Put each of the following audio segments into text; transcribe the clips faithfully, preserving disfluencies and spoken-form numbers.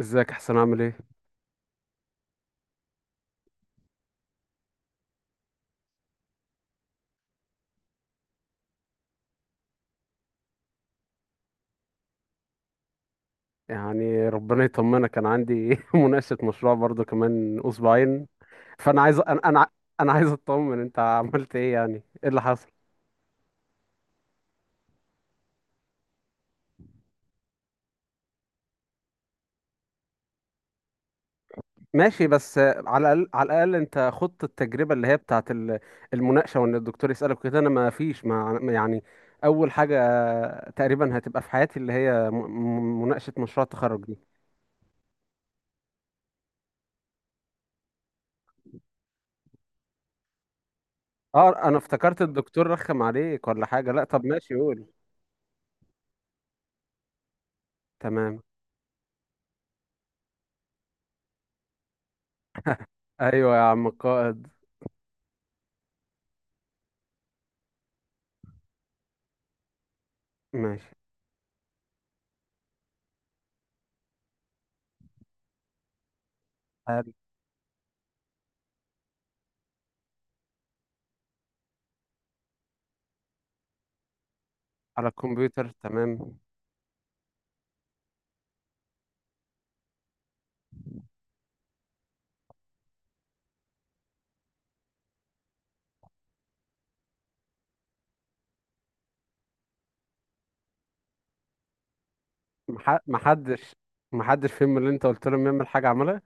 ازيك؟ احسن؟ عامل ايه؟ يعني ربنا يطمنك. انا عندي مناقشة مشروع برضو كمان اسبوعين. فانا عايز، انا انا انا عايز اطمن انت عملت ايه. يعني ايه اللي حصل؟ ماشي، بس على الاقل على الاقل انت خضت التجربة اللي هي بتاعت ال- المناقشة، وان الدكتور يسألك كده. انا ما فيش، ما يعني اول حاجة تقريبا هتبقى في حياتي اللي هي م- م- مناقشة مشروع التخرج دي. اه، انا افتكرت الدكتور رخم عليك ولا حاجة. لا طب ماشي، قول. تمام. ايوه يا عم القائد. ماشي. على الكمبيوتر، تمام. مح- محدش محدش فيهم اللي انت قلت لهم يعمل حاجة عملها؟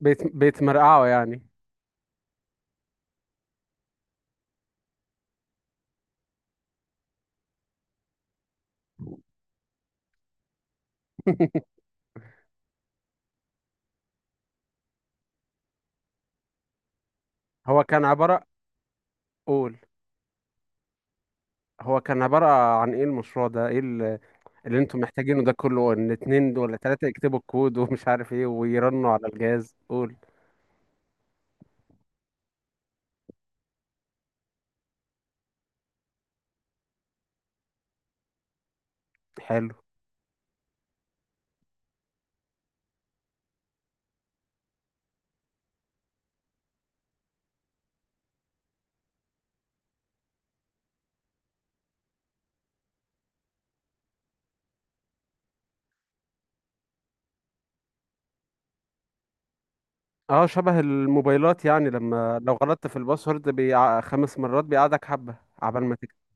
بيت بيتمرقعوا يعني. هو كان عبارة قول. هو كان عبارة عن ايه المشروع ده؟ ايه ال- اللي انتوا محتاجينه ده كله؟ ان اتنين دول ولا تلاتة يكتبوا الكود ومش عارف ايه ويرنوا على الجهاز؟ قول. حلو. اه، شبه الموبايلات يعني، لما لو غلطت في الباسورد بيع... خمس مرات بيقعدك حبة عبال ما تكتب.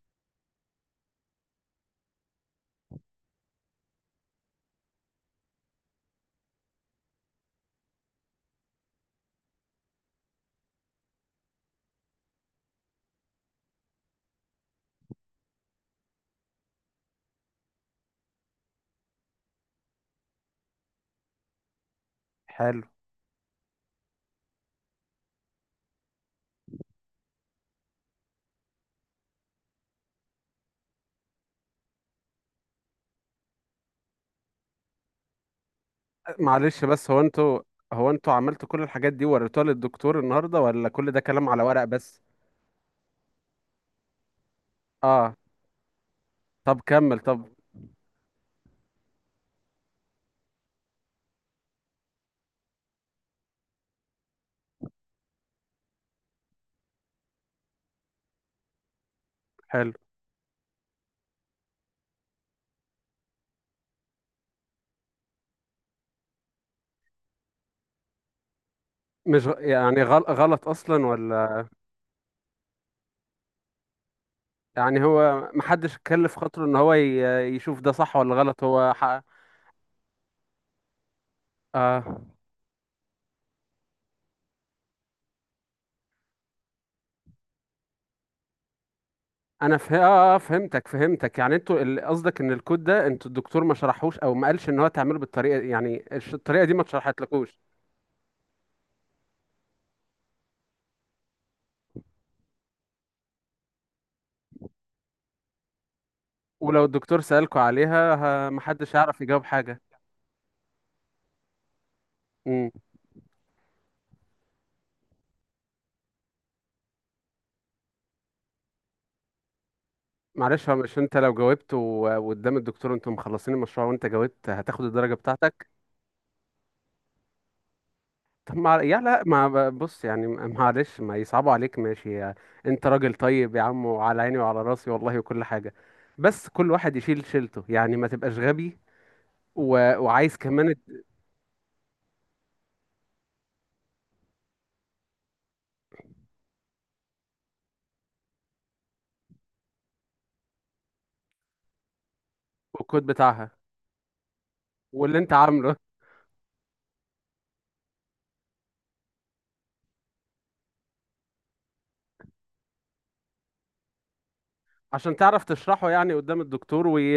حلو. معلش، بس هو انتوا هو انتوا عملتوا كل الحاجات دي وريتوها للدكتور النهارده، ولا كل ده كلام على ورق بس؟ اه. طب كمل، طب. حلو. مش غ- يعني غل... غلط اصلا ولا؟ يعني هو محدش كلف خاطره ان هو ي... يشوف ده صح ولا غلط؟ هو حق... اه، انا فه... آه آه، فهمتك فهمتك. يعني انتوا ال- قصدك ان الكود ده انتوا الدكتور ما شرحوش، او ما قالش ان هو تعمله بالطريقه، يعني الش- الطريقه دي ما اتشرحتلكوش. ولو الدكتور سألكوا عليها، ه- محدش هيعرف يجاوب حاجه. امم. معلش، هو مش انت لو جاوبت و- وقدام الدكتور انتوا مخلصين المشروع وانت جاوبت هتاخد الدرجة بتاعتك؟ طب ما يا لا ما بص يعني، معلش ما يصعبوا عليك، ماشي. انت راجل طيب يا عم، وعلى عيني وعلى راسي والله، وكل حاجة. بس كل واحد يشيل شيلته يعني، ما تبقاش غبي. و... وعايز كمان الكود بتاعها، واللي انت عامله. عشان تعرف تشرحه يعني قدام الدكتور وي...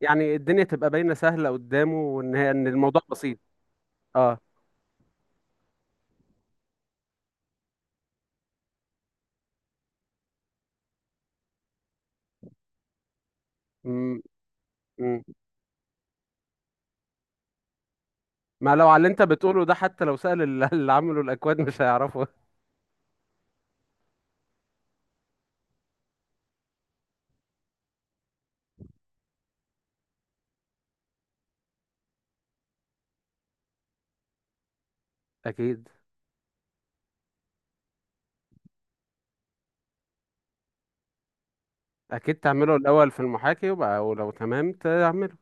يعني الدنيا تبقى باينة سهلة قدامه، وان هي- ان الموضوع بسيط. اه. م- م. ما لو على اللي انت بتقوله ده، حتى لو سأل ال- اللي عملوا الاكواد مش هيعرفوا. اكيد. اكيد تعمله الاول في المحاكي، وبقى ولو تمام تعمله.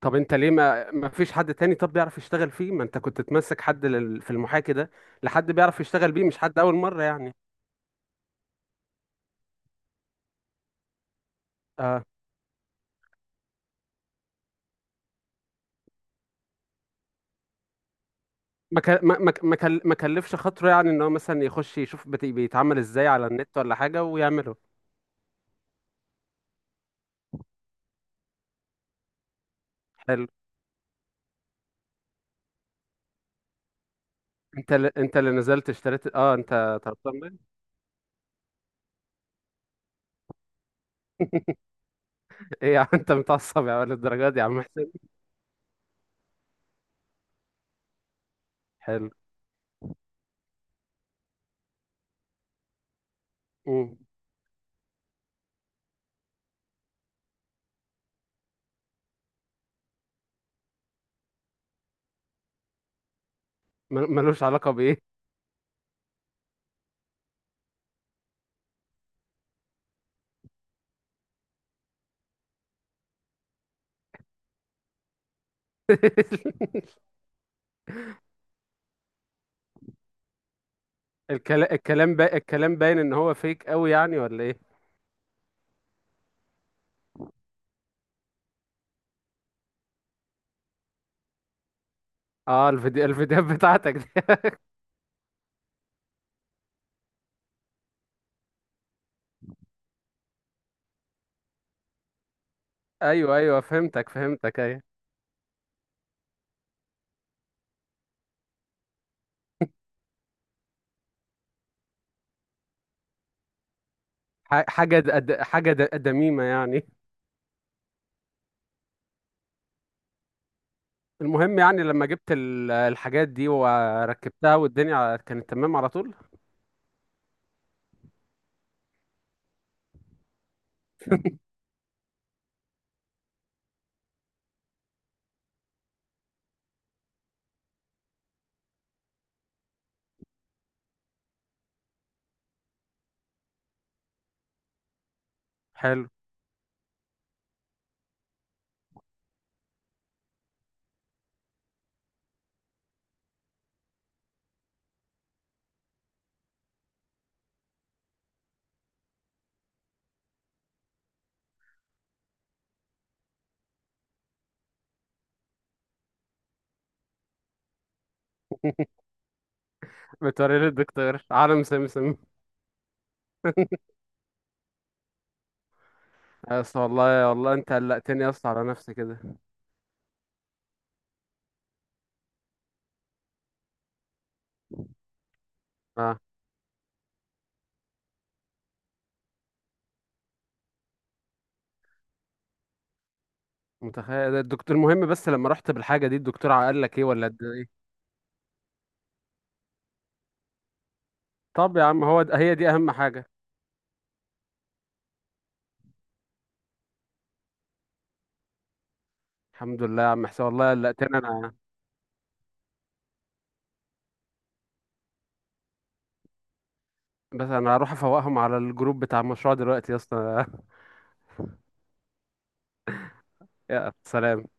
طب انت ليه ما ما فيش حد تاني طب بيعرف يشتغل فيه؟ ما انت كنت تمسك حد لل... في المحاكي ده، لحد بيعرف يشتغل بيه، مش حد اول مرة يعني. اه. ما ك... ما ما ما كل- ما كلفش خاطره يعني، ان هو مثلا يخش يشوف بت... بيتعمل ازاي على النت ولا حاجة ويعمله؟ حلو. انت اللي... انت اللي نزلت اشتريت؟ اه انت. طربان ليه؟ ايه يا عم، انت متعصب يا ولد؟ الدرجات دي يا عم حسين. حلو. مم. مل- ملوش علاقة بإيه؟ الكلام الكلام با... الكلام باين ان هو فيك قوي يعني، ولا ايه؟ اه، الفيديو الفيديوهات بتاعتك دي. ايوه، ايوه، فهمتك فهمتك، ايوه. ح- حاجة د... د- حاجة د... دميمة يعني. المهم يعني، لما جبت ال- الحاجات دي وركبتها، والدنيا كانت تمام على طول؟ حلو. بتوري للدكتور عالم سمسم؟ يا اسطى، والله والله انت قلقتني يا اسطى على نفسي كده. اه، متخيل. الدكتور المهم، بس لما رحت بالحاجة دي الدكتور قال لك ايه ولا؟ طب يا عم، هو ده، هي دي اهم حاجه. الحمد لله يا عم حسين، والله قلقتني انا. بس انا هروح افوقهم على الجروب بتاع المشروع دلوقتي يا اسطى. يا سلام.